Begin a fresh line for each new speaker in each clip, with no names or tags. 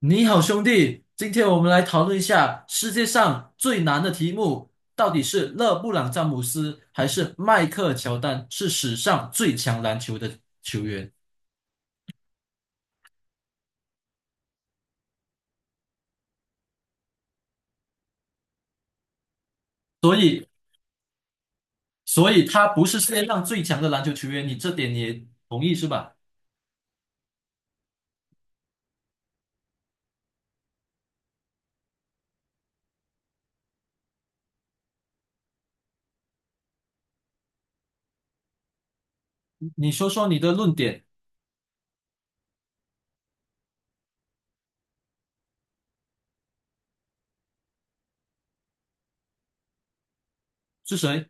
你好，兄弟，今天我们来讨论一下世界上最难的题目，到底是勒布朗·詹姆斯还是迈克尔·乔丹是史上最强篮球的球员？所以，所以他不是世界上最强的篮球球员，你这点你也同意是吧？你说说你的论点是谁？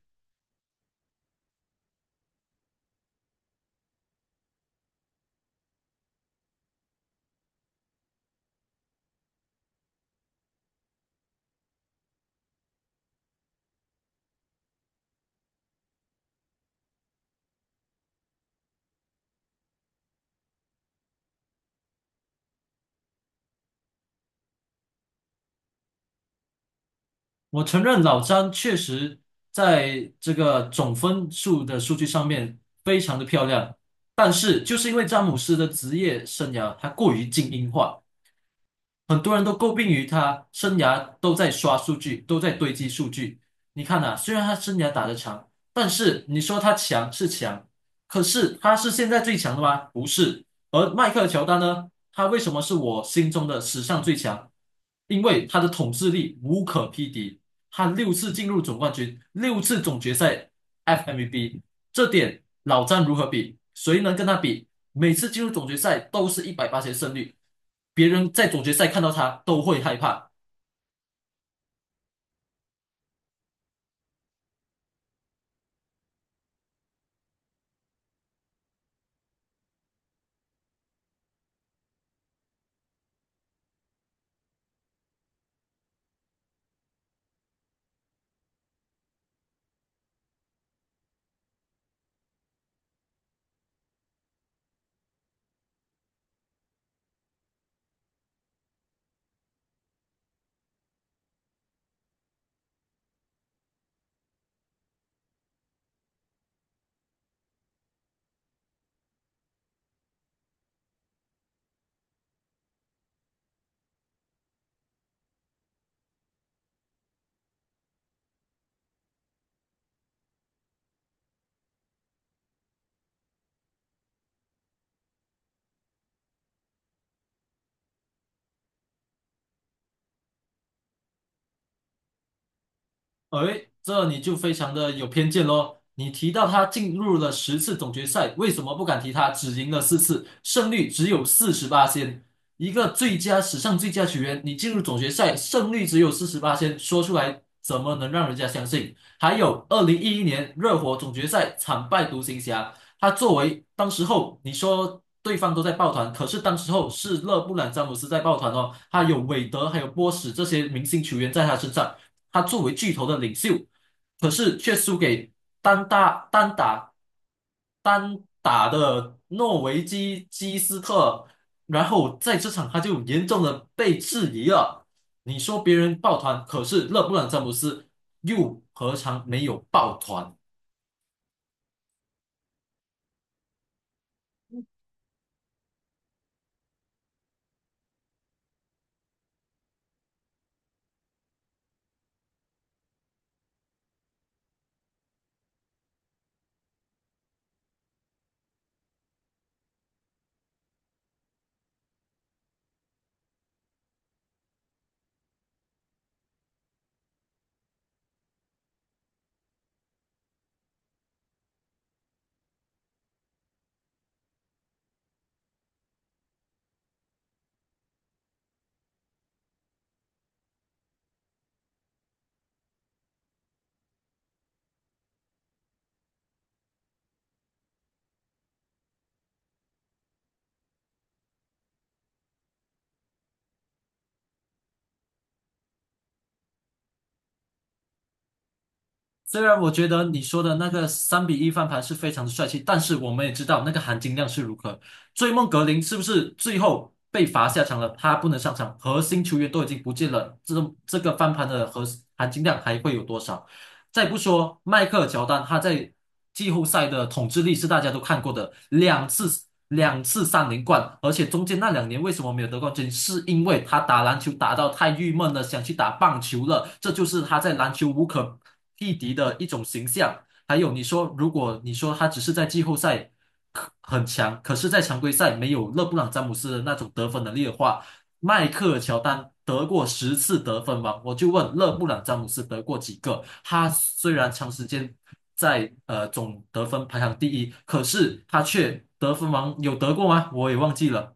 我承认老詹确实在这个总分数的数据上面非常的漂亮，但是就是因为詹姆斯的职业生涯他过于精英化。很多人都诟病于他生涯都在刷数据，都在堆积数据。你看啊，虽然他生涯打得长，但是你说他强是强，可是他是现在最强的吗？不是。而迈克尔乔丹呢，他为什么是我心中的史上最强？因为他的统治力无可匹敌，他六次进入总冠军，六次总决赛 FMVP，这点老詹如何比？谁能跟他比？每次进入总决赛都是百分之一百八十胜率，别人在总决赛看到他都会害怕。哎，这你就非常的有偏见喽。你提到他进入了十次总决赛，为什么不敢提他只赢了四次，胜率只有百分之四十八，一个最佳史上最佳球员，你进入总决赛胜率只有百分之四十八说出来怎么能让人家相信？还有，二零一一年热火总决赛惨败独行侠。他作为当时候你说对方都在抱团，可是当时候是勒布朗詹姆斯在抱团哦，他有韦德，还有波什这些明星球员在他身上，他作为巨头的领袖，可是却输给单打单打单打的诺维基基斯特，然后在这场他就严重的被质疑了。你说别人抱团，可是勒布朗詹姆斯又何尝没有抱团？虽然我觉得你说的那个三比一翻盘是非常的帅气，但是我们也知道那个含金量是如何。追梦格林是不是最后被罚下场了？他不能上场，核心球员都已经不见了，这种这个翻盘的含金量还会有多少？再不说迈克尔乔丹，他在季后赛的统治力是大家都看过的，两次三连冠，而且中间那两年为什么没有得冠军，是因为他打篮球打到太郁闷了，想去打棒球了，这就是他在篮球无可匹敌的一种形象。还有你说，如果你说他只是在季后赛可很强，可是在常规赛没有勒布朗詹姆斯的那种得分能力的话，迈克尔乔丹得过十次得分王，我就问勒布朗詹姆斯得过几个？他虽然长时间在总得分排行第一，可是他却得分王有得过吗？我也忘记了。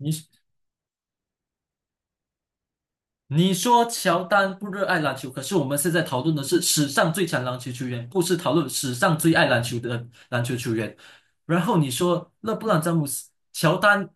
你你说乔丹不热爱篮球，可是我们现在讨论的是史上最强篮球球员，不是讨论史上最爱篮球的篮球球员。然后你说勒布朗詹姆斯、乔丹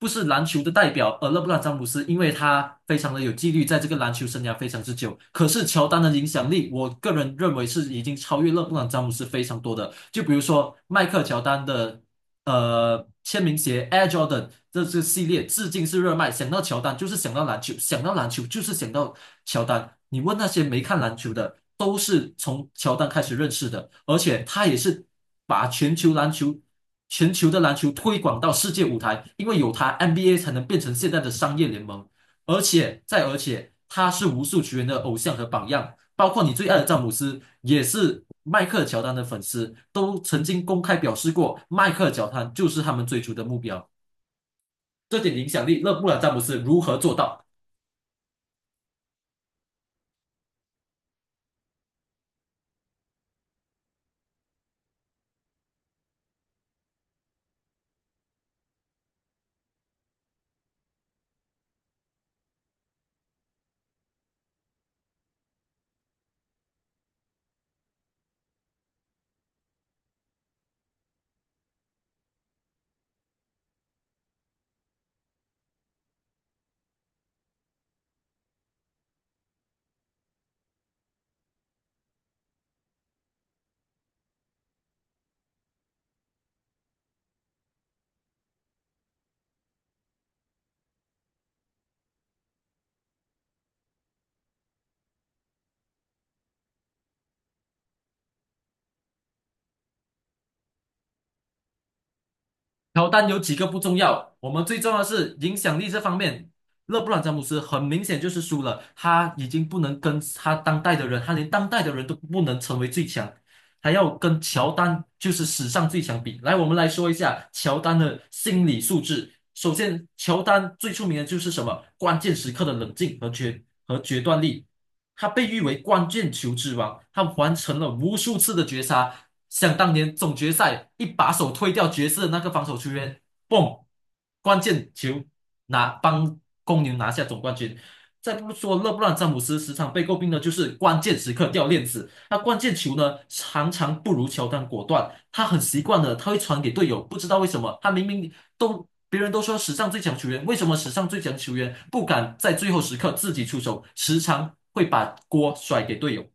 不是篮球的代表，而勒布朗詹姆斯因为他非常的有纪律，在这个篮球生涯非常之久。可是乔丹的影响力，我个人认为是已经超越勒布朗詹姆斯非常多的。就比如说迈克尔乔丹的签名鞋 Air Jordan 这系列，至今是热卖。想到乔丹就是想到篮球，想到篮球就是想到乔丹。你问那些没看篮球的。都是从乔丹开始认识的，而且他也是把全球篮球、全球的篮球推广到世界舞台，因为有他，NBA 才能变成现在的商业联盟。而且再而且，他是无数球员的偶像和榜样，包括你最爱的詹姆斯也是迈克尔乔丹的粉丝，都曾经公开表示过，迈克尔乔丹就是他们追逐的目标。这点影响力，勒布朗詹姆斯如何做到？乔丹有几个不重要，我们最重要的是影响力这方面。勒布朗詹姆斯很明显就是输了，他已经不能跟他当代的人，他连当代的人都不能成为最强，还要跟乔丹就是史上最强比。来，我们来说一下乔丹的心理素质。首先，乔丹最出名的就是什么？关键时刻的冷静和决断力。他被誉为关键球之王，他完成了无数次的绝杀。想当年总决赛一把手推掉爵士的那个防守球员，嘣，关键球拿帮公牛拿下总冠军。再不说勒布朗詹姆斯时常被诟病的就是关键时刻掉链子。那关键球呢，常常不如乔丹果断。他很习惯的，他会传给队友，不知道为什么，他明明都别人都说史上最强球员，为什么史上最强球员不敢在最后时刻自己出手，时常会把锅甩给队友。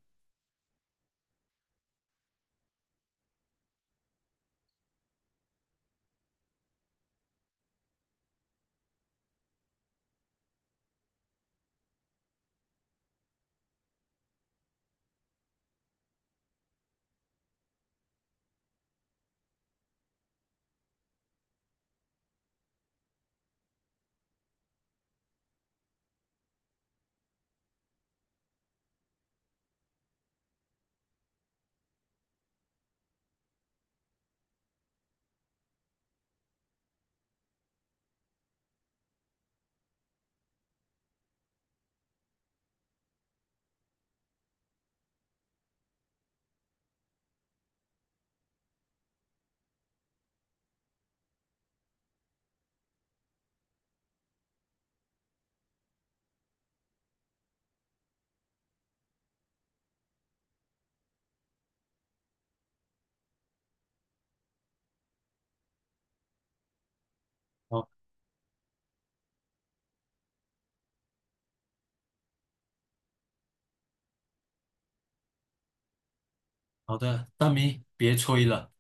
好好的，大明，别吹了。